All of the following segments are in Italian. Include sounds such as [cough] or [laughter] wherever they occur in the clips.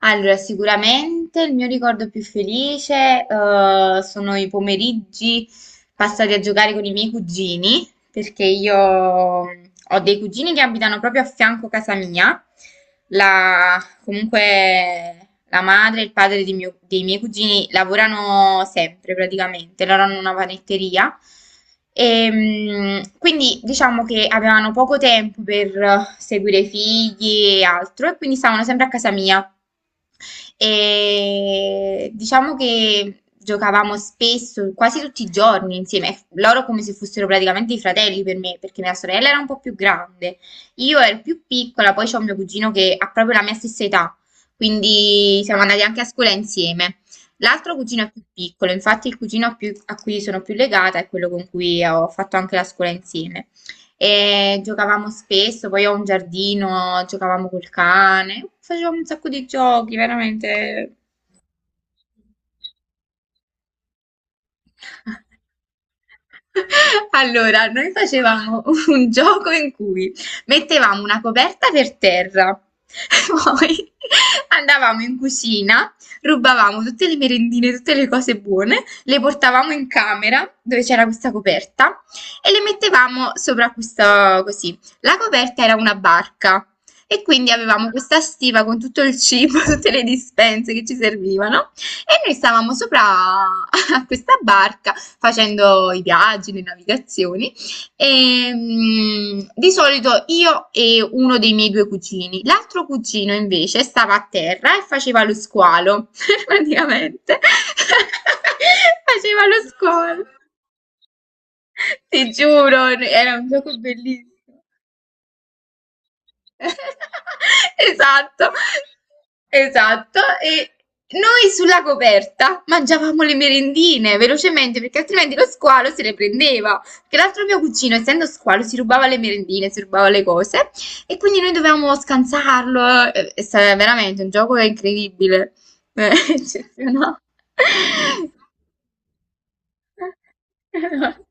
Allora, sicuramente il mio ricordo più felice, sono i pomeriggi passati a giocare con i miei cugini, perché io ho dei cugini che abitano proprio a fianco casa mia. Comunque la madre e il padre di dei miei cugini lavorano sempre praticamente, loro hanno una panetteria. E quindi diciamo che avevano poco tempo per seguire i figli e altro, e quindi stavano sempre a casa mia. E diciamo che giocavamo spesso, quasi tutti i giorni insieme, loro come se fossero praticamente i fratelli per me, perché mia sorella era un po' più grande, io ero più piccola, poi c'ho mio cugino che ha proprio la mia stessa età, quindi siamo andati anche a scuola insieme. L'altro cugino è più piccolo, infatti il cugino a cui sono più legata è quello con cui ho fatto anche la scuola insieme. E giocavamo spesso, poi ho un giardino, giocavamo col cane, facevamo un sacco di giochi, veramente. Allora, noi facevamo un gioco in cui mettevamo una coperta per terra, [laughs] poi andavamo in cucina, rubavamo tutte le merendine, tutte le cose buone, le portavamo in camera dove c'era questa coperta e le mettevamo sopra questa così. La coperta era una barca e quindi avevamo questa stiva con tutto il cibo, [laughs] tutte le dispense che ci servivano e noi stavamo sopra a questa barca facendo i viaggi, le navigazioni e di solito io e uno dei miei due cugini. L'altro cugino invece stava a terra e faceva lo squalo, [laughs] praticamente. [laughs] Faceva lo squalo. Ti giuro, era un gioco bellissimo. [laughs] Esatto, esatto. E noi sulla coperta mangiavamo le merendine velocemente perché altrimenti lo squalo se le prendeva. Perché l'altro mio cugino, essendo squalo, si rubava le merendine, si rubava le cose e quindi noi dovevamo scansarlo. Veramente un gioco incredibile, Eh, [laughs] eccezionale. [laughs]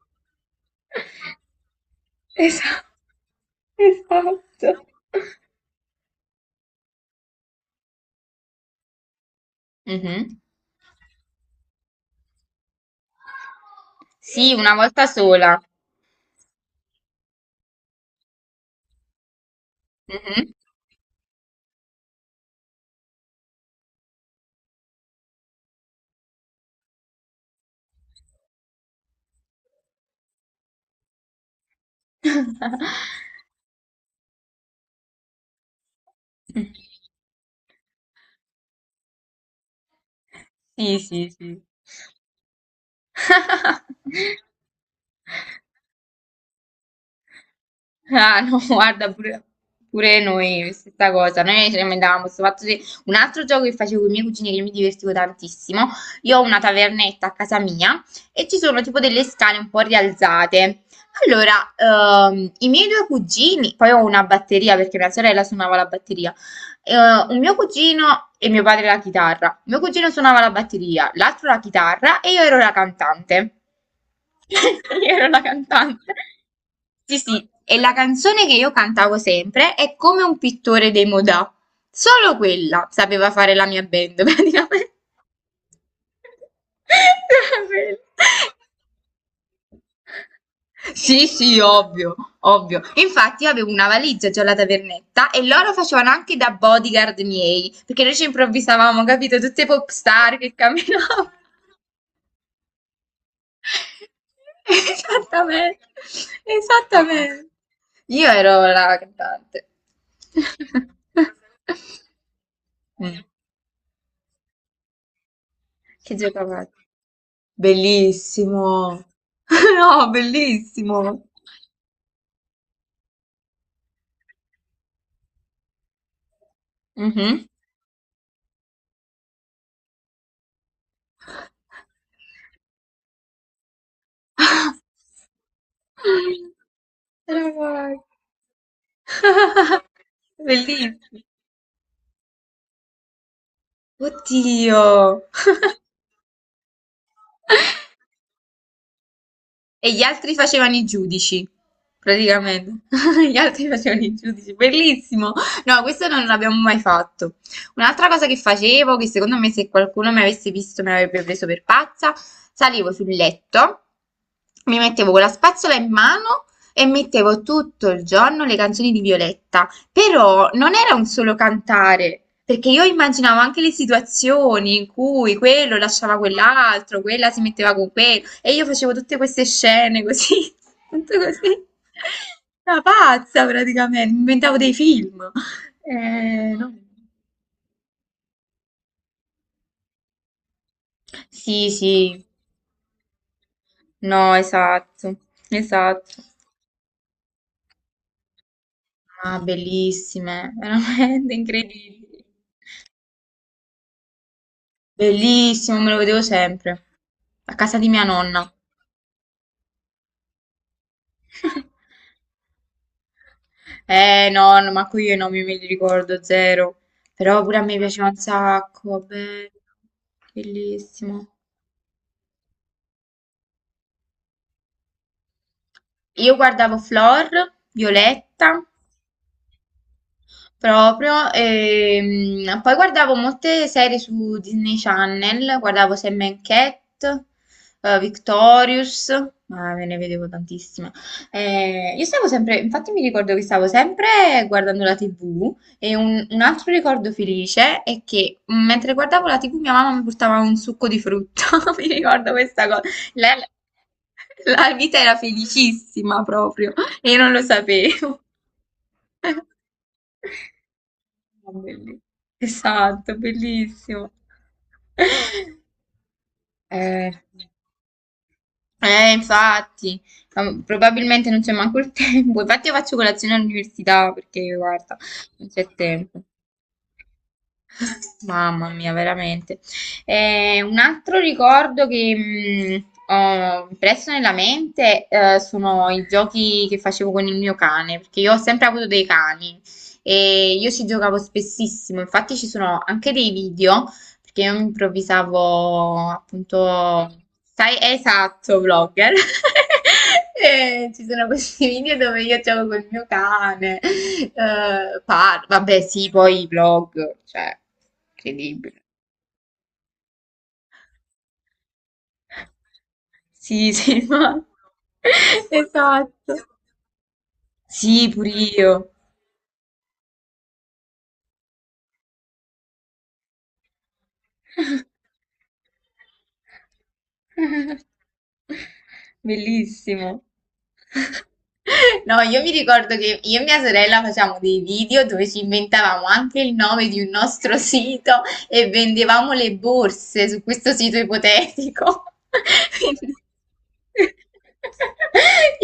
Esatto, esatto. Mhm. Sì, una volta sola. Mhm. [laughs] Sì, sì, sì. [laughs] Ah, no, [laughs] guarda, pure, pure noi, stessa cosa. Noi ci lamentavamo questo fatto di... Un altro gioco che facevo con i miei cugini che mi divertivo tantissimo. Io ho una tavernetta a casa mia e ci sono tipo delle scale un po' rialzate. Allora, i miei due cugini, poi ho una batteria perché mia sorella suonava la batteria. Un mio cugino e mio padre la chitarra. Mio cugino suonava la batteria, l'altro la chitarra e io ero la cantante. [laughs] Io ero la cantante. Sì, sì, e la canzone che io cantavo sempre è Come un pittore dei Modà. Solo quella sapeva fare la mia band, [laughs] praticamente. Solo quella. Sì, sì, ovvio, ovvio. Infatti io avevo una valigia già alla tavernetta e loro facevano anche da bodyguard miei, perché noi ci improvvisavamo, capito? Tutte pop star che camminavano. [laughs] Esattamente, esattamente. Io ero la cantante. [laughs] Eh, Che giocavate? Bellissimo. [laughs] No, bellissimo. Mhm. Eravamo- [laughs] Bellissimo. Oddio. E gli altri facevano i giudici, praticamente. [laughs] Gli altri facevano i giudici, bellissimo. No, questo non l'abbiamo mai fatto. Un'altra cosa che facevo, che secondo me se qualcuno mi avesse visto mi avrebbe preso per pazza, salivo sul letto, mi mettevo con la spazzola in mano e mettevo tutto il giorno le canzoni di Violetta. Però non era un solo cantare, perché io immaginavo anche le situazioni in cui quello lasciava quell'altro, quella si metteva con quello, e io facevo tutte queste scene così, [laughs] tutto così. Una pazza praticamente, inventavo dei film. No. Sì, sì, no, esatto, esatto. Ah, bellissime, veramente incredibili. Bellissimo, me lo vedevo sempre. A casa di mia nonna. [laughs] Eh no, no, ma qui io i nomi me li ricordo zero. Però pure a me piaceva un sacco, bello, bellissimo. Io guardavo Flor, Violetta, proprio. E poi guardavo molte serie su Disney Channel, guardavo Sam and Cat, Victorious, ma me ne vedevo tantissime. Io stavo sempre, infatti mi ricordo che stavo sempre guardando la TV e un altro ricordo felice è che mentre guardavo la TV mia mamma mi portava un succo di frutta, [laughs] mi ricordo questa cosa. Lei- la vita era felicissima proprio. Io non lo sapevo. [laughs] Ah, belli- Esatto, bellissimo. Eh, infatti, ma probabilmente non c'è manco il tempo. Infatti io faccio colazione all'università perché, guarda, non c'è tempo. Mamma mia, veramente. Un altro ricordo che ho impresso nella mente sono i giochi che facevo con il mio cane, perché io ho sempre avuto dei cani e io ci giocavo spessissimo, infatti ci sono anche dei video perché io improvvisavo appunto, sai, esatto, vlogger. [laughs] E ci sono questi video dove io gioco col mio cane, parlo, vabbè, sì, poi i vlog, cioè, incredibile. Sì, sì, [laughs] ma... Esatto. Sì, pure io. [laughs] Bellissimo. No, io mi ricordo che io e mia sorella facevamo dei video dove ci inventavamo anche il nome di un nostro sito e vendevamo le borse su questo sito ipotetico. [laughs] Quindi-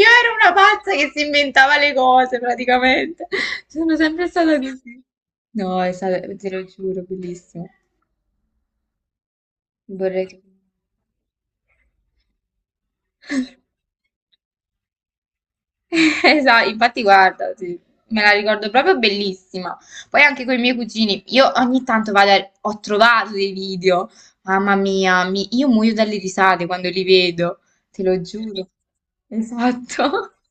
Io ero una pazza che si inventava le cose praticamente. Sono sempre stata così. No, è stato, te lo giuro, bellissimo. Vorrei che... [laughs] Esatto, infatti guarda, sì, me la ricordo proprio bellissima. Poi anche con i miei cugini, io ogni tanto vado ho trovato dei video, mamma mia, io muoio dalle risate quando li vedo, te lo giuro. Esatto. [laughs]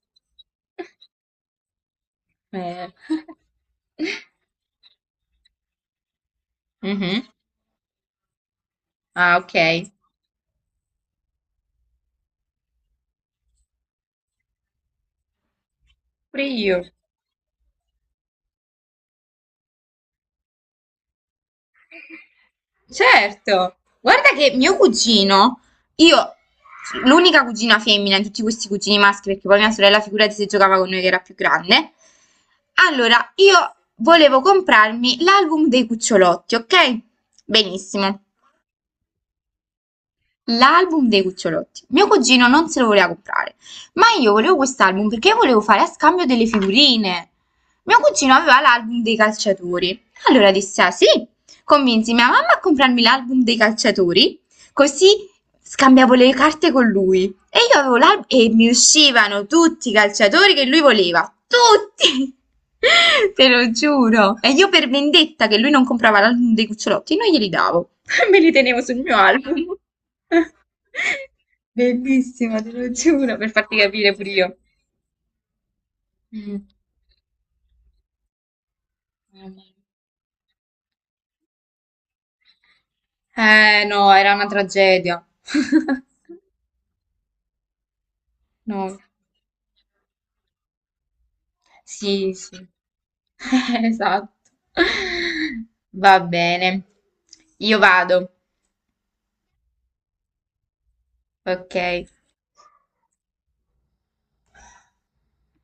Eh. [laughs] Mhm. Ah, ok. Pure io. Certo, guarda che mio cugino, io, l'unica cugina femmina di tutti questi cugini maschi, perché poi mia sorella, figurati se giocava con noi che era più grande. Allora, io volevo comprarmi l'album dei cucciolotti, ok? Benissimo l'album dei cucciolotti. Mio cugino non se lo voleva comprare, ma io volevo quest'album perché volevo fare a scambio delle figurine. Mio cugino aveva l'album dei calciatori. Allora disse: Ah sì, convinsi mia mamma a comprarmi l'album dei calciatori, così scambiavo le carte con lui e io avevo l'albo e mi uscivano tutti i calciatori che lui voleva, tutti! [laughs] Te lo giuro. E io per vendetta che lui non comprava l'album dei cucciolotti, non glieli davo. [laughs] Me li tenevo sul mio album. [laughs] Bellissimo, te lo giuro, per farti capire pure io. Mm. Eh no, era una tragedia. [laughs] No, sì, sì. [laughs] Esatto. Va bene. Io vado, ok?